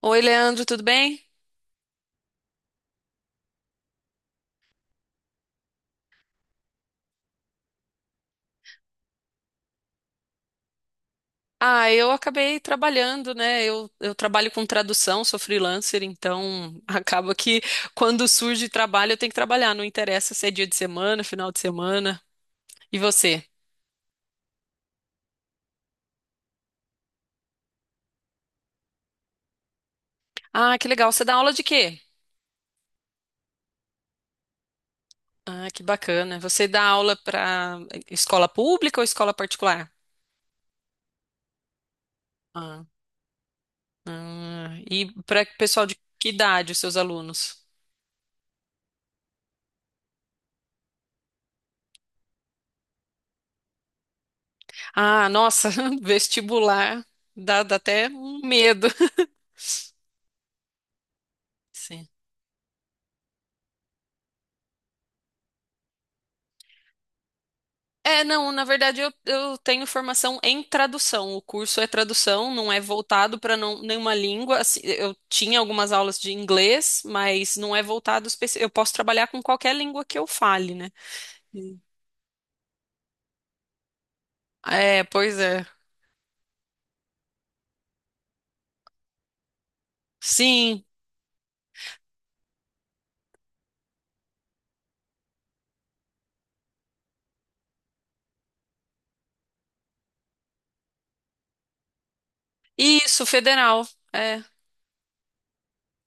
Oi, Leandro, tudo bem? Ah, eu acabei trabalhando, né? Eu trabalho com tradução, sou freelancer, então acaba que quando surge trabalho eu tenho que trabalhar, não interessa se é dia de semana, final de semana. E você? Ah, que legal. Você dá aula de quê? Ah, que bacana. Você dá aula para escola pública ou escola particular? Ah, ah, e para pessoal de que idade, os seus alunos? Ah, nossa, vestibular dá até um medo. Sim. É, não, na verdade eu tenho formação em tradução. O curso é tradução, não é voltado para nenhuma língua. Assim, eu tinha algumas aulas de inglês, mas não é voltado eu posso trabalhar com qualquer língua que eu fale, né? Sim. É, pois é. Sim, isso, federal. É.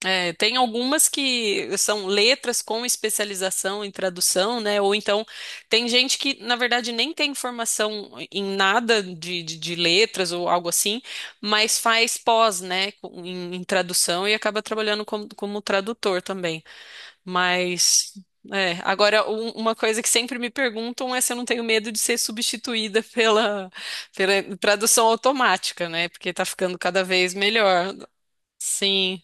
É, tem algumas que são letras com especialização em tradução, né? Ou então tem gente que, na verdade, nem tem formação em nada de letras ou algo assim, mas faz pós, né, em, em tradução e acaba trabalhando como, como tradutor também. Mas, é, agora, uma coisa que sempre me perguntam é se eu não tenho medo de ser substituída pela, pela tradução automática, né? Porque tá ficando cada vez melhor. Sim.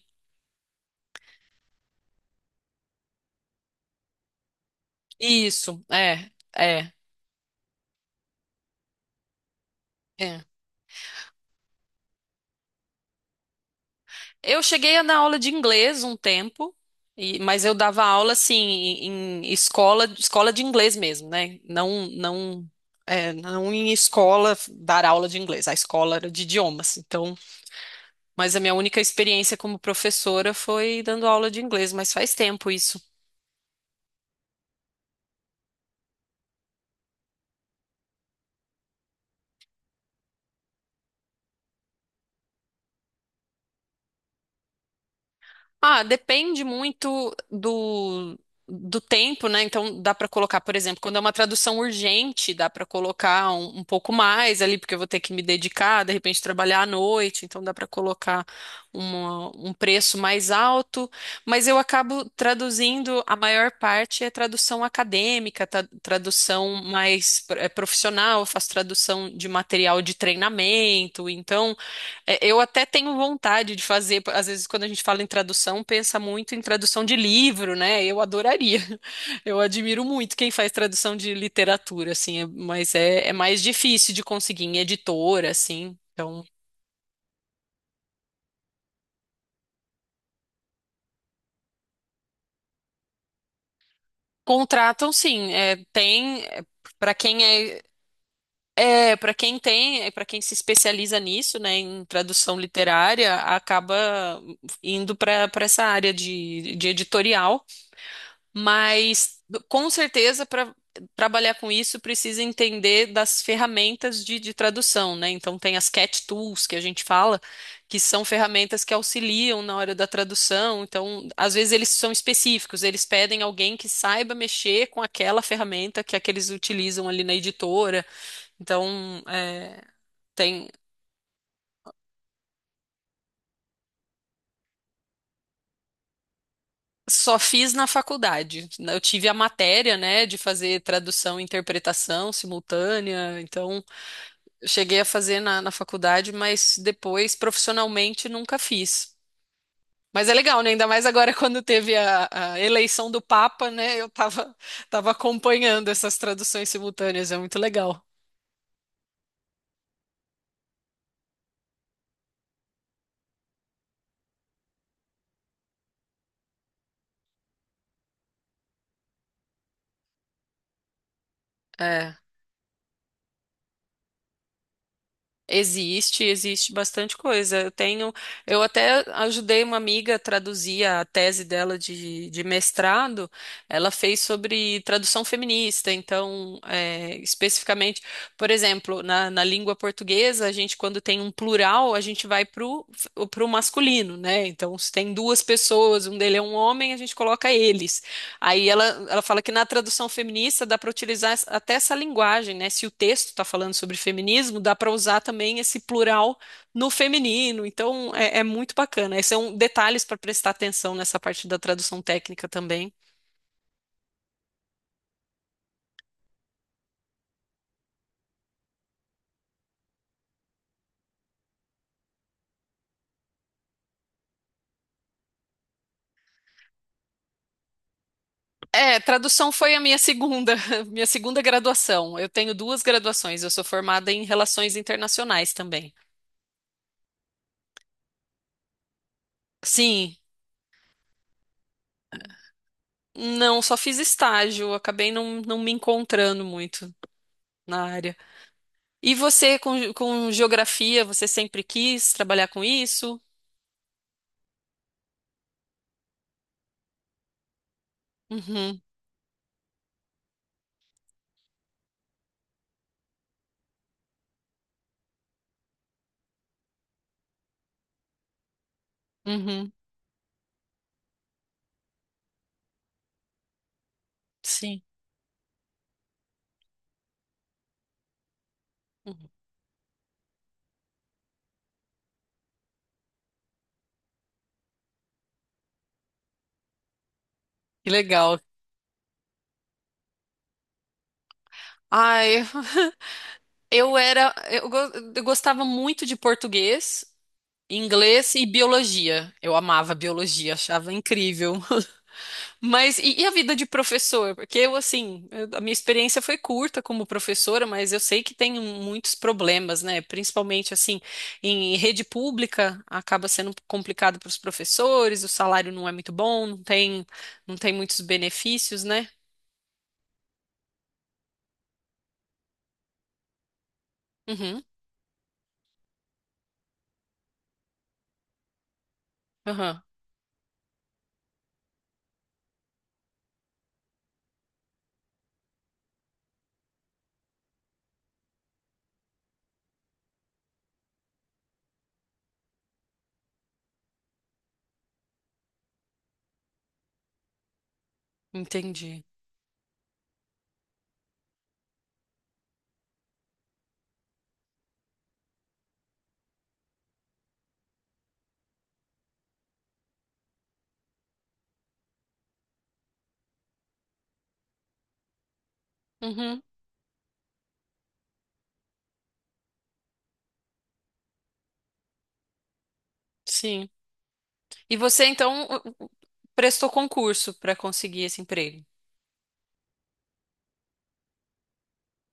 Isso, é, é. Eu cheguei a dar aula de inglês um tempo, mas eu dava aula assim em, em escola, escola de inglês mesmo, né? Não, não, é, não em escola dar aula de inglês. A escola era de idiomas, então. Mas a minha única experiência como professora foi dando aula de inglês, mas faz tempo isso. Ah, depende muito do, do tempo, né? Então dá para colocar, por exemplo, quando é uma tradução urgente, dá para colocar um pouco mais ali, porque eu vou ter que me dedicar, de repente trabalhar à noite, então dá para colocar um preço mais alto. Mas eu acabo traduzindo, a maior parte é tradução acadêmica, tradução mais profissional, eu faço tradução de material de treinamento, então. É, eu até tenho vontade de fazer, às vezes quando a gente fala em tradução, pensa muito em tradução de livro, né? Eu adoraria. Eu admiro muito quem faz tradução de literatura, assim, mas é, é mais difícil de conseguir em editora, assim. Então, contratam sim, é, tem para quem é, é para quem tem, para quem se especializa nisso, né, em tradução literária, acaba indo para para essa área de editorial. Mas com certeza para trabalhar com isso precisa entender das ferramentas de tradução, né? Então tem as cat tools que a gente fala, que são ferramentas que auxiliam na hora da tradução. Então, às vezes eles são específicos, eles pedem alguém que saiba mexer com aquela ferramenta que é que eles utilizam ali na editora. Então, é, tem. Só fiz na faculdade. Eu tive a matéria, né, de fazer tradução e interpretação simultânea, então eu cheguei a fazer na, na faculdade, mas depois, profissionalmente, nunca fiz. Mas é legal, né? Ainda mais agora quando teve a eleição do Papa, né? Eu tava, tava acompanhando essas traduções simultâneas, é muito legal. É. Existe, existe bastante coisa. Eu tenho, eu até ajudei uma amiga a traduzir a tese dela de mestrado. Ela fez sobre tradução feminista, então, é, especificamente, por exemplo, na, na língua portuguesa, a gente, quando tem um plural, a gente vai pro, pro masculino, né? Então, se tem duas pessoas, um dele é um homem, a gente coloca eles. Aí ela fala que na tradução feminista dá para utilizar até essa linguagem, né? Se o texto está falando sobre feminismo, dá para usar também esse plural no feminino. Então é, é muito bacana. Esses são detalhes para prestar atenção nessa parte da tradução técnica também. É, tradução foi a minha segunda, minha segunda graduação. Eu tenho duas graduações. Eu sou formada em relações internacionais também. Sim, não, só fiz estágio. Acabei não, não me encontrando muito na área. E você com geografia, você sempre quis trabalhar com isso? Uhum, uhum, sim. Uhum. Que legal. Ai, eu era, eu gostava muito de português, inglês e biologia. Eu amava biologia, achava incrível. Mas e a vida de professor? Porque eu, assim, a minha experiência foi curta como professora, mas eu sei que tem muitos problemas, né? Principalmente, assim, em rede pública, acaba sendo complicado para os professores, o salário não é muito bom, não tem, não tem muitos benefícios, né? Uhum, aham, entendi. Uhum, sim. E você, então, prestou concurso para conseguir esse emprego?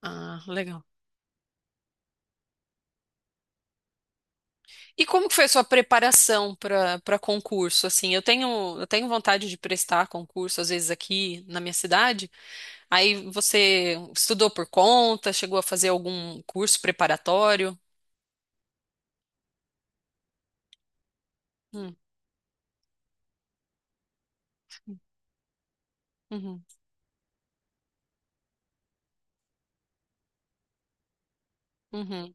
Ah, legal. E como que foi a sua preparação para para concurso? Assim, eu tenho vontade de prestar concurso às vezes aqui na minha cidade. Aí você estudou por conta, chegou a fazer algum curso preparatório? Hum, uhum, uhum,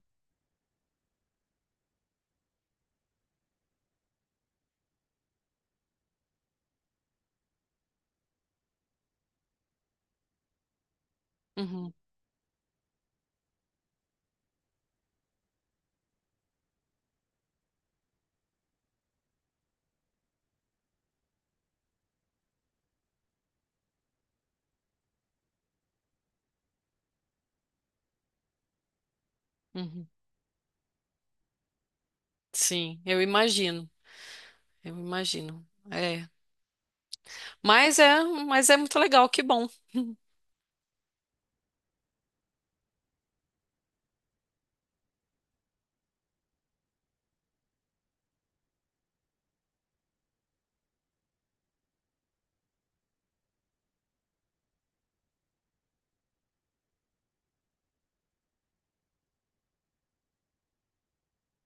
uhum, uhum. Sim, eu imagino, eu imagino. É, mas é, mas é muito legal, que bom.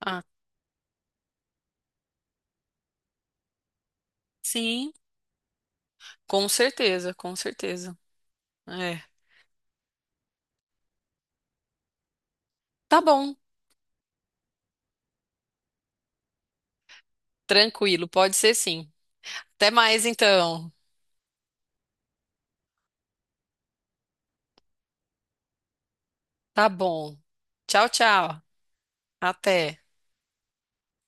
Ah, sim, com certeza, com certeza. É, tá bom, tranquilo, pode ser sim. Até mais então. Tá bom. Tchau, tchau. Até.